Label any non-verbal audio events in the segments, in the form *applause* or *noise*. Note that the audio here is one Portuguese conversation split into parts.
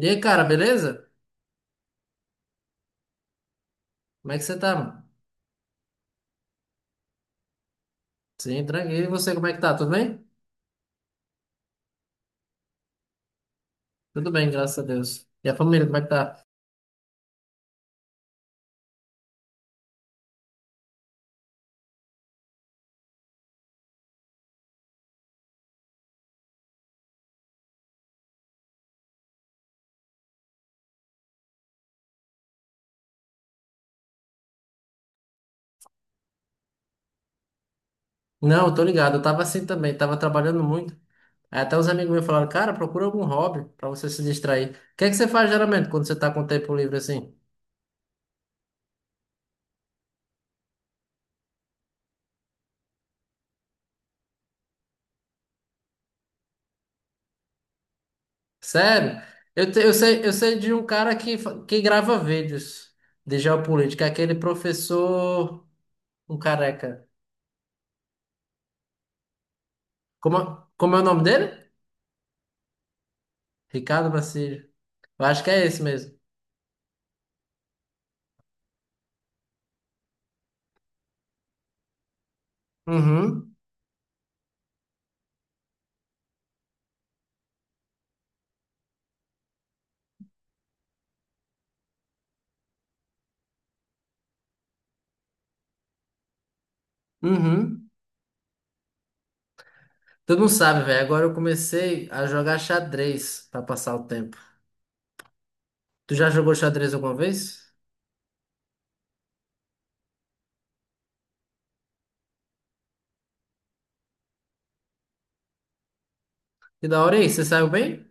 E aí, cara, beleza? Como é que você tá, mano? Sim, tranquilo. E você, como é que tá? Tudo bem? Tudo bem, graças a Deus. E a família, como é que tá? Não, eu tô ligado. Eu tava assim também, tava trabalhando muito. Aí até os amigos meus falaram, cara, procura algum hobby pra você se distrair. O que é que você faz geralmente quando você tá com tempo livre assim? Sério? Eu sei de um cara que, que grava vídeos de geopolítica, aquele professor, um careca. Como, como é o nome dele? Ricardo Bacilli. Eu acho que é esse mesmo. Uhum. Uhum. Tu não sabe, velho. Agora eu comecei a jogar xadrez pra passar o tempo. Tu já jogou xadrez alguma vez? Que da hora, aí você saiu bem?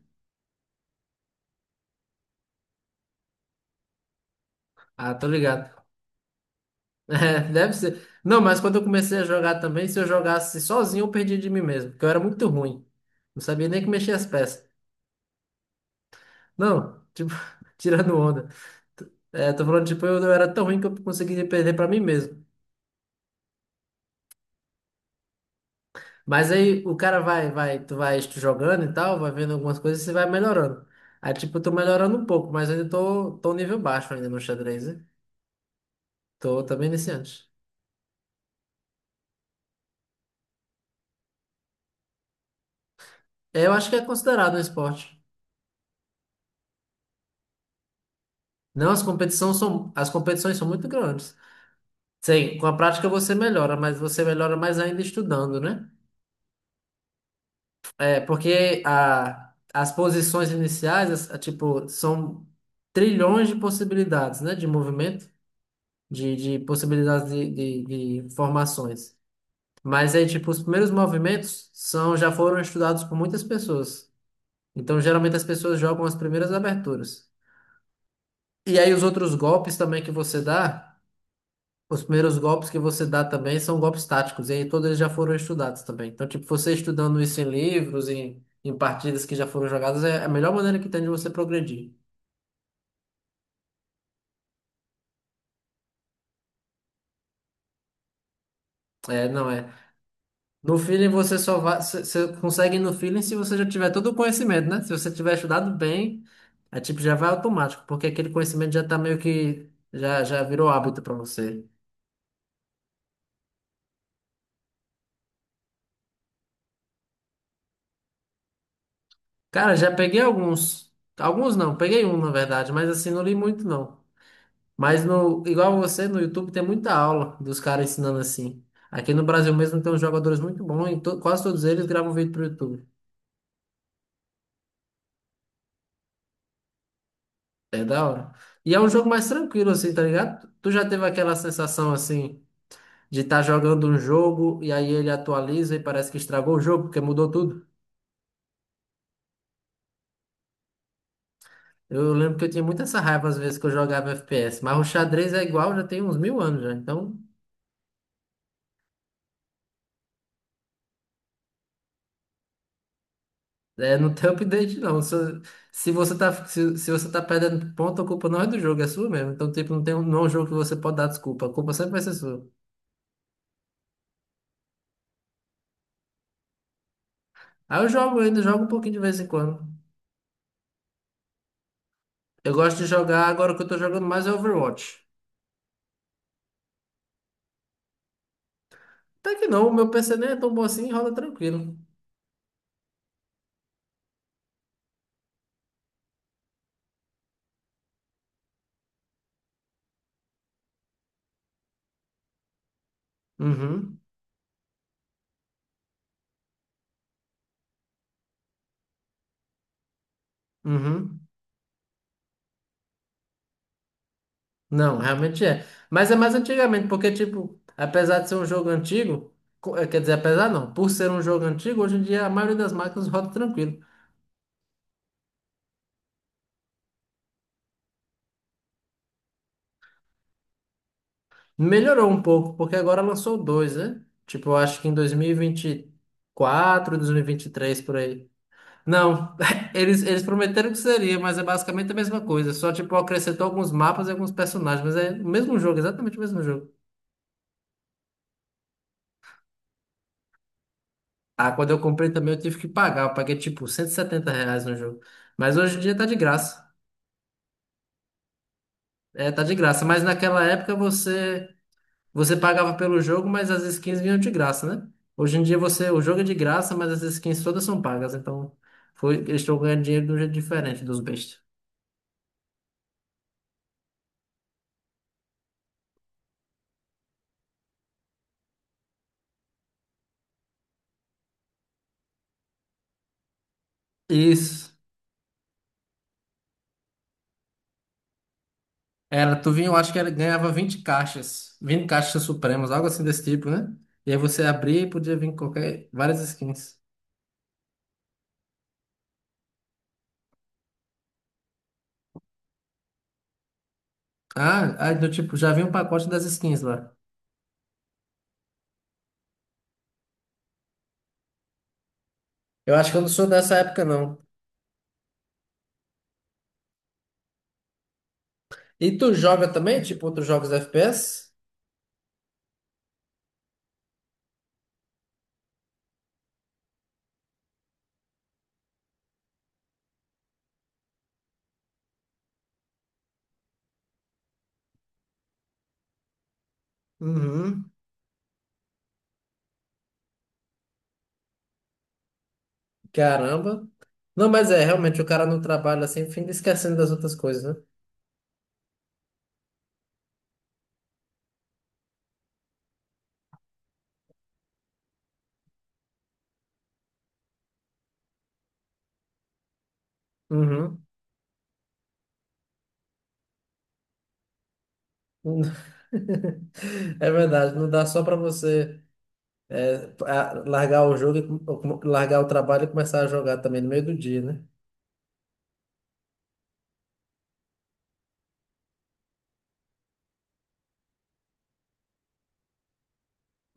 Ah, tô ligado. *laughs* É, deve ser. Não, mas quando eu comecei a jogar também, se eu jogasse sozinho, eu perdia de mim mesmo, porque eu era muito ruim. Não sabia nem que mexia as peças. Não, tipo, *laughs* tirando onda. É, tô falando, tipo, eu era tão ruim que eu conseguia perder pra mim mesmo. Mas aí o cara vai, vai, tu vai jogando e tal, vai vendo algumas coisas e você vai melhorando. Aí, tipo, eu tô melhorando um pouco, mas ainda tô um nível baixo ainda no xadrez, né? Tô também iniciante. É, eu acho que é considerado um esporte. Não, as competições são muito grandes. Sim, com a prática você melhora, mas você melhora mais ainda estudando, né? É, porque as posições iniciais, tipo, são trilhões de possibilidades, né? De movimento, de possibilidades de formações. Mas aí, tipo, os primeiros movimentos são já foram estudados por muitas pessoas. Então, geralmente as pessoas jogam as primeiras aberturas. E aí os outros golpes também que você dá, os primeiros golpes que você dá também são golpes táticos, e aí todos eles já foram estudados também. Então, tipo, você estudando isso em livros, em partidas que já foram jogadas, é a melhor maneira que tem de você progredir. É, não é. No feeling você só vai, você consegue no feeling se você já tiver todo o conhecimento, né? Se você tiver estudado bem, é tipo já vai automático, porque aquele conhecimento já tá meio que já virou hábito pra você. Cara, já peguei alguns, alguns não, peguei um na verdade, mas assim não li muito não. Mas no igual você no YouTube tem muita aula dos caras ensinando assim. Aqui no Brasil mesmo tem uns jogadores muito bons e quase todos eles gravam vídeo pro YouTube. É da hora. E é um jogo mais tranquilo assim, tá ligado? Tu já teve aquela sensação assim de estar jogando um jogo e aí ele atualiza e parece que estragou o jogo, porque mudou tudo. Eu lembro que eu tinha muita essa raiva às vezes que eu jogava FPS, mas o xadrez é igual, já tem uns mil anos já, então é, não tem *laughs* update não. Se você tá, se você tá perdendo ponto, a culpa não é do jogo, é sua mesmo. Então, tipo, não é um jogo que você pode dar desculpa, a culpa sempre vai ser sua. Aí eu ainda jogo um pouquinho de vez em quando. Eu gosto de jogar, agora que eu tô jogando mais é Overwatch. Até que não, o meu PC nem é tão bom assim, rola tranquilo. Uhum, uhum. Não, realmente é. Mas é mais antigamente, porque, tipo, apesar de ser um jogo antigo, quer dizer, apesar não, por ser um jogo antigo, hoje em dia a maioria das máquinas *laughs* roda tranquilo. Melhorou um pouco, porque agora lançou dois, né? Tipo, eu acho que em dois mil e vinte e quatro, dois mil e vinte quatro, e três por aí. Não, *laughs* eles prometeram que seria, mas é basicamente a mesma coisa. Só, tipo, acrescentou alguns mapas e alguns personagens, mas é o mesmo jogo, exatamente o mesmo jogo. Ah, quando eu comprei também eu tive que pagar, eu paguei, tipo, 170 reais no jogo. Mas hoje em dia tá de graça. É, tá de graça. Mas naquela época você pagava pelo jogo, mas as skins vinham de graça, né? Hoje em dia você o jogo é de graça, mas as skins todas são pagas. Então foi, eles estão ganhando dinheiro de um jeito diferente dos bestas. Isso. Era, tu vinha, eu acho que era, ganhava 20 caixas supremas, algo assim desse tipo, né? E aí você abria e podia vir qualquer, várias skins. Ah, aí do tipo, já vinha um pacote das skins lá. Eu acho que eu não sou dessa época, não. E tu joga também, tipo, outros jogos FPS? Uhum. Caramba. Não, mas é, realmente, o cara não trabalha assim, fica esquecendo das outras coisas, né? Uhum. *laughs* É verdade, não dá só para você largar o jogo, e largar o trabalho e começar a jogar também no meio do dia, né?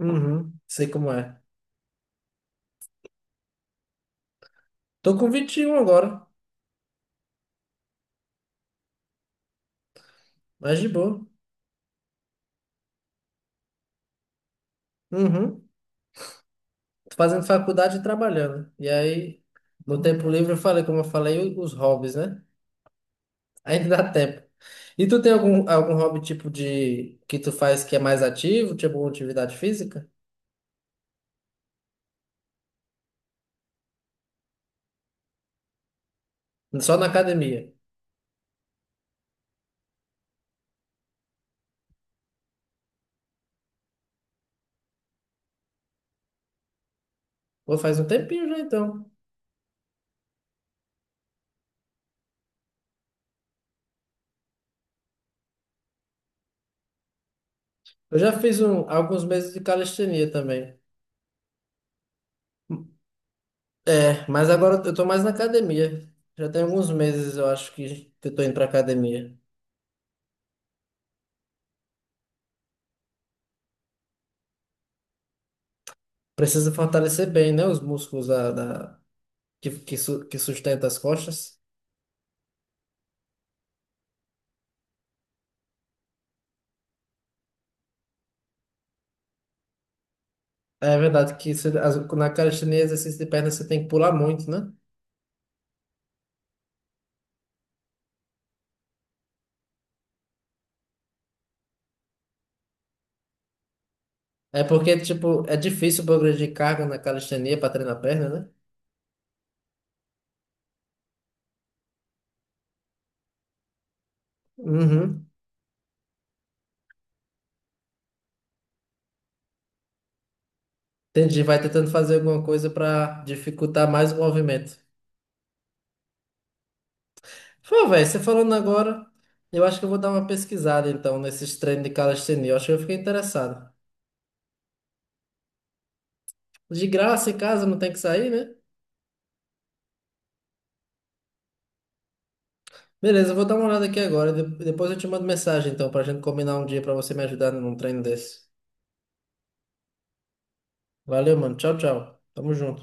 Uhum. Sei como é. Tô com 21 agora, mas de boa. Uhum. Tô fazendo faculdade e trabalhando. E aí, no tempo livre, como eu falei, os hobbies, né? Ainda dá tempo. E tu tem algum, algum hobby tipo de que tu faz que é mais ativo, tipo uma atividade física? Só na academia. Pô, faz um tempinho já então. Eu já fiz alguns meses de calistenia também. É, mas agora eu tô mais na academia. Já tem alguns meses, eu acho, que eu tô indo pra academia. Precisa fortalecer bem, né? Os músculos que, que sustenta as costas. É verdade que na calistenia, exercício de perna, você tem que pular muito, né? É porque, tipo, é difícil progredir carga na calistenia para treinar a perna, né? Uhum. Entendi. Vai tentando fazer alguma coisa para dificultar mais o movimento. Pô, velho, você falando agora, eu acho que eu vou dar uma pesquisada, então, nesses treinos de calistenia. Eu acho que eu fiquei interessado. De graça, em casa, não tem que sair, né? Beleza, eu vou dar uma olhada aqui agora. Depois eu te mando mensagem, então, pra gente combinar um dia pra você me ajudar num treino desse. Valeu, mano. Tchau, tchau. Tamo junto.